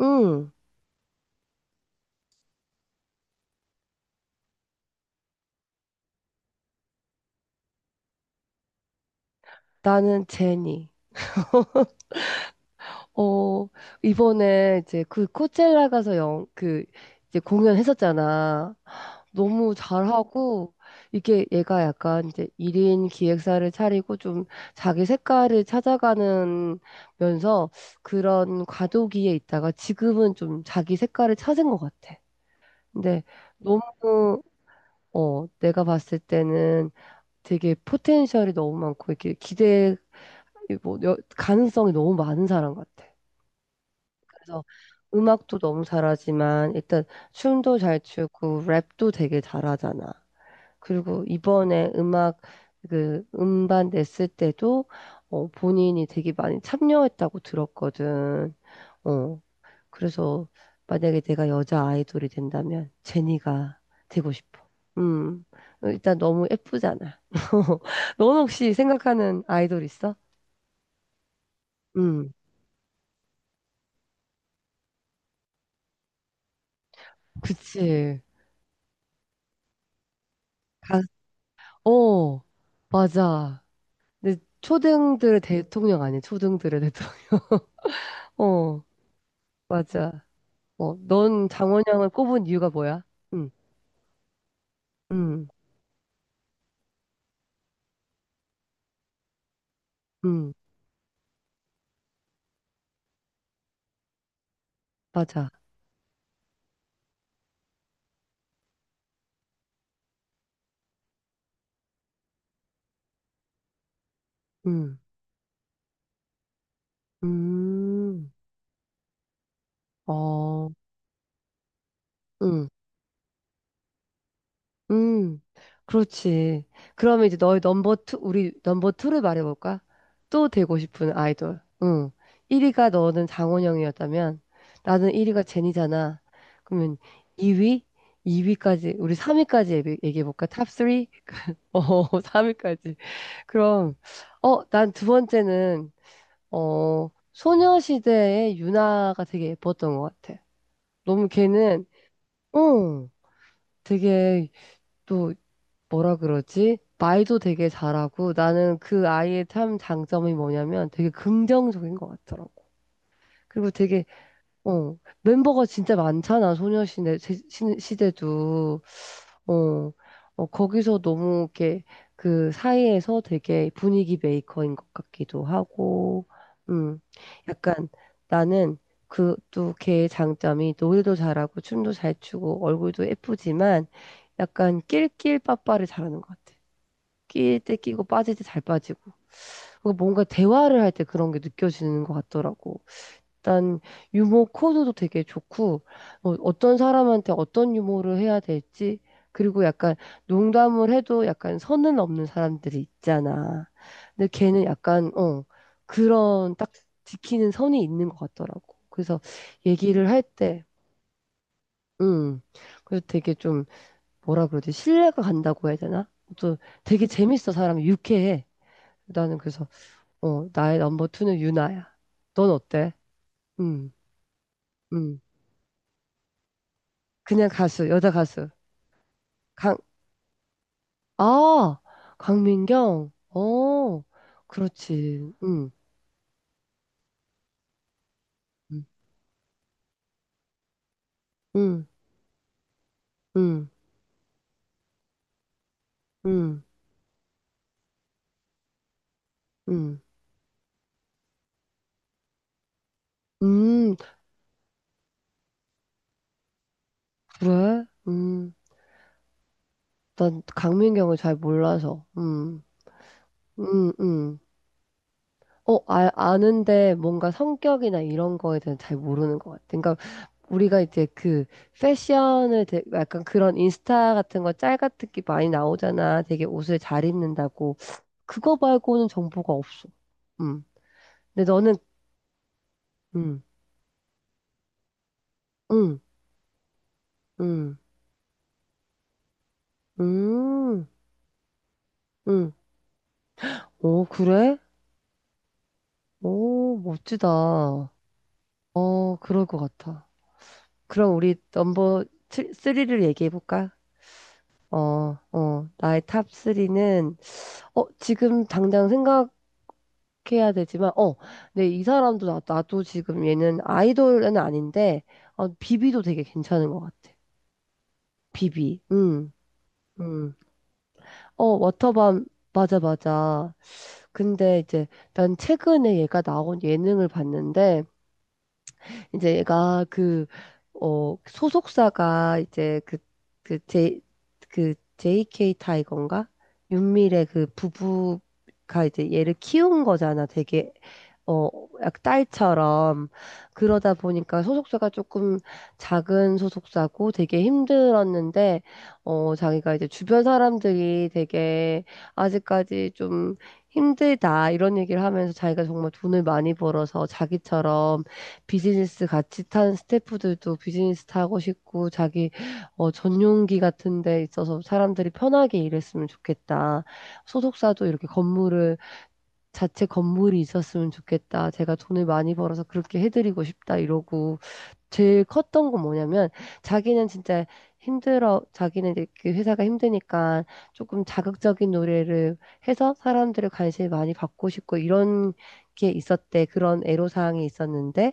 응, 나는 제니. 어, 이번에 이제 그 코첼라 가서 영, 그 이제 공연했었잖아. 너무 잘하고, 이게 얘가 약간 이제 1인 기획사를 차리고 좀 자기 색깔을 찾아가는 면서 그런 과도기에 있다가 지금은 좀 자기 색깔을 찾은 것 같아. 근데 너무, 내가 봤을 때는 되게 포텐셜이 너무 많고, 이렇게 기대, 이뭐 가능성이 너무 많은 사람 같아. 그래서 음악도 너무 잘하지만 일단 춤도 잘 추고 랩도 되게 잘하잖아. 그리고 이번에 음악 그 음반 냈을 때도 본인이 되게 많이 참여했다고 들었거든. 어, 그래서 만약에 내가 여자 아이돌이 된다면 제니가 되고 싶어. 음, 일단 너무 예쁘잖아. 넌 혹시 생각하는 아이돌 있어? 음, 그치. 가, 어, 맞아. 근데 초등들의 대통령 아니야, 초등들의 대통령. 어, 맞아. 넌 장원영을 꼽은 이유가 뭐야? 응, 응, 응, 맞아. 응, 음, 어, 응. 음, 그렇지. 그러면 이제 우리 넘버 투를 말해볼까? 또 되고 싶은 아이돌. 응. 1위가 너는 장원영이었다면, 나는 1위가 제니잖아. 그러면 2위? 2위까지, 우리 3위까지 얘기해볼까? 탑 3? 3위까지. 그럼, 난 두 번째는, 소녀시대의 유나가 되게 예뻤던 것 같아. 너무 걔는, 어, 되게, 또 뭐라 그러지? 말도 되게 잘하고 나는 그 아이의 참 장점이 뭐냐면 되게 긍정적인 것 같더라고. 그리고 되게 멤버가 진짜 많잖아. 소녀시대 시대도 어, 거기서 너무 이렇게 그 사이에서 되게 분위기 메이커인 것 같기도 하고 음 약간 나는 그 또 걔의 장점이 노래도 잘하고 춤도 잘 추고 얼굴도 예쁘지만 약간 낄낄빠빠를 잘하는 것 같아. 끼일 때 끼고 빠질 때 잘 빠지고. 그 뭔가 대화를 할 때 그런 게 느껴지는 것 같더라고. 일단 유머 코드도 되게 좋고 어떤 사람한테 어떤 유머를 해야 될지. 그리고 약간 농담을 해도 약간 선을 넘는 사람들이 있잖아. 근데 걔는 약간 그런 딱 지키는 선이 있는 것 같더라고. 그래서 얘기를 할 때, 음, 그래서 되게 좀 뭐라 그러지? 신뢰가 간다고 해야 되나? 또 되게 재밌어. 사람이 유쾌해. 나는 그래서 나의 넘버 투는 유나야. 넌 어때? 음, 음. 그냥 가수, 여자 가수. 강, 아, 강민경. 그렇지. 음, 음, 음, 음, 음, 음, 그래? 난 강민경을 잘 몰라서. 음, 음. 아는데 뭔가 성격이나 이런 거에 대해 잘 모르는 것 같아. 그러니까 우리가 이제 그 패션을 약간 그런 인스타 같은 거 짤 같은 게 많이 나오잖아. 되게 옷을 잘 입는다고. 그거 말고는 정보가 없어. 음. 근데 너는 음. 음. 음. 음. 음. 오, 그래? 오, 멋지다. 그럴 것 같아. 그럼 우리 넘버 3를 얘기해 볼까? 어, 나의 탑 3는, 지금 당장 생각 해야 되지만, 근데 이 사람도 나도 지금 얘는 아이돌은 아닌데, 비비도 되게 괜찮은 것 같아. 비비, 음 워터밤, 맞아, 맞아. 근데 이제 난 최근에 얘가 나온 예능을 봤는데, 이제 얘가 그, 소속사가 이제 그, 제, JK 타이거인가? 윤미래 그 부부가 이제 얘를 키운 거잖아. 되게 어, 약 딸처럼 그러다 보니까 소속사가 조금 작은 소속사고 되게 힘들었는데 자기가 이제 주변 사람들이 되게 아직까지 좀 힘들다 이런 얘기를 하면서 자기가 정말 돈을 많이 벌어서 자기처럼 비즈니스 같이 탄 스태프들도 비즈니스 타고 싶고, 자기 전용기 같은 데 있어서 사람들이 편하게 일했으면 좋겠다. 소속사도 이렇게 건물을 자체 건물이 있었으면 좋겠다. 제가 돈을 많이 벌어서 그렇게 해드리고 싶다. 이러고. 제일 컸던 건 뭐냐면 자기는 진짜 힘들어. 자기는 이제 그 회사가 힘드니까 조금 자극적인 노래를 해서 사람들의 관심을 많이 받고 싶고 이런 게 있었대. 그런 애로사항이 있었는데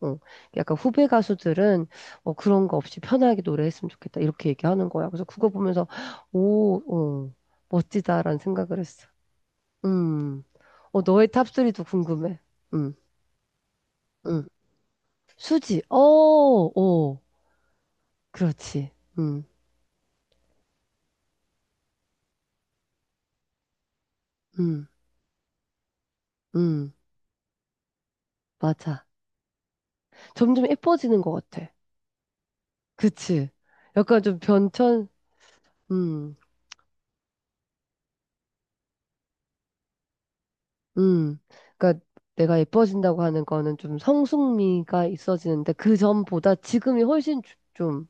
어, 약간 후배 가수들은 그런 거 없이 편하게 노래했으면 좋겠다 이렇게 얘기하는 거야. 그래서 그거 보면서 오, 멋지다라는 생각을 했어. 음. 너의 탑리도 궁금해. 응, 응. 수지. 어, 어. 그렇지. 응, 응, 응. 맞아. 점점 예뻐지는 것 같아. 그치? 약간 좀 변천, 음, 음. 그러니까 내가 예뻐진다고 하는 거는 좀 성숙미가 있어지는데 그 전보다 지금이 훨씬 좀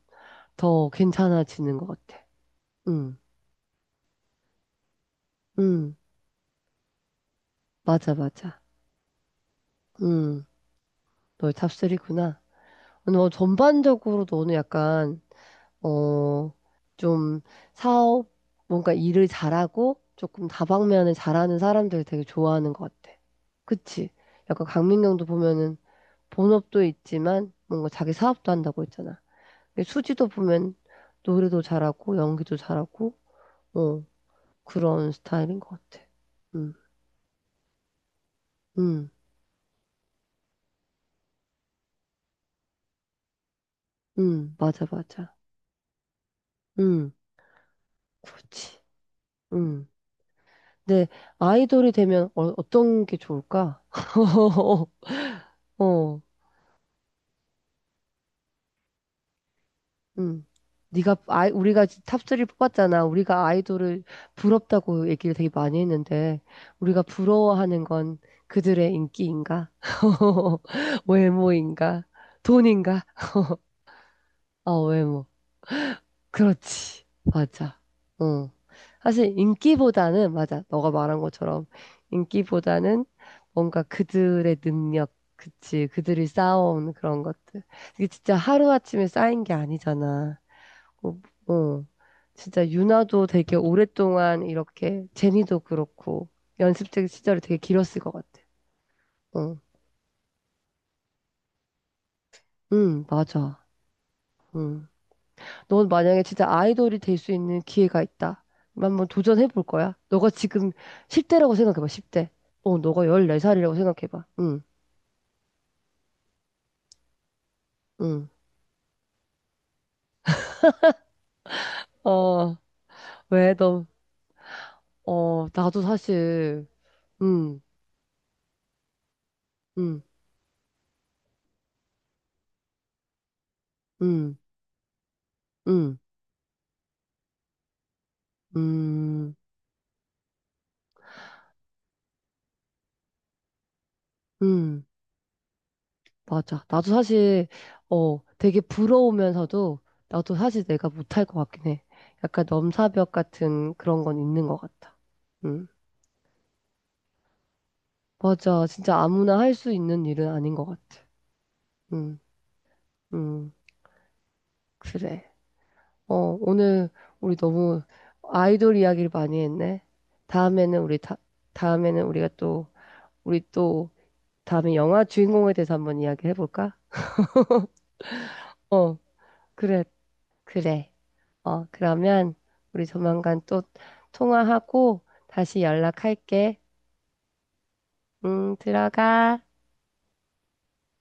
더 괜찮아지는 것 같아. 음, 음. 맞아, 맞아. 음. 너의 탑리구나. 너 전반적으로 너는 약간 어, 좀 사업, 뭔가 일을 잘하고 조금 다방면을 잘하는 사람들 되게 좋아하는 것 같아. 그치? 약간 강민경도 보면은 본업도 있지만 뭔가 자기 사업도 한다고 했잖아. 근데 수지도 보면 노래도 잘하고 연기도 잘하고 어, 그런 스타일인 것 같아. 음, 음, 맞아, 맞아. 음, 그렇지. 음. 근데 아이돌이 되면 어떤 게 좋을까? 어. 응. 네가 아이 우리가 탑3 뽑았잖아. 우리가 아이돌을 부럽다고 얘기를 되게 많이 했는데 우리가 부러워하는 건 그들의 인기인가? 외모인가? 돈인가? 아, 외모. 그렇지. 맞아. 어. 사실 인기보다는 맞아. 너가 말한 것처럼 인기보다는 뭔가 그들의 능력, 그치? 그들이 쌓아온 그런 것들. 이게 진짜 하루아침에 쌓인 게 아니잖아. 어, 어. 진짜 유나도 되게 오랫동안 이렇게 제니도 그렇고 연습생 시절이 되게 길었을 것 같아. 응, 응, 맞아. 응. 넌 만약에 진짜 아이돌이 될 수 있는 기회가 있다. 그럼 한번 도전해 볼 거야? 너가 지금 10대라고 생각해봐, 10대. 너가 14살이라고 생각해봐. 응, 응. 어, 왜 너, 나도 사실, 응, 응, 응, 응, 응, 응. 맞아. 나도 사실, 되게 부러우면서도, 나도 사실 내가 못할 것 같긴 해. 약간 넘사벽 같은 그런 건 있는 것 같아. 응. 맞아. 진짜 아무나 할 수 있는 일은 아닌 것 같아. 응, 응. 그래. 어, 오늘 우리 너무 아이돌 이야기를 많이 했네. 다음에는 우리, 다, 다음에는 우리가 또, 우리 또, 다음에 영화 주인공에 대해서 한번 이야기 해볼까? 어, 그래. 그래. 그러면 우리 조만간 또 통화하고 다시 연락할게. 들어가.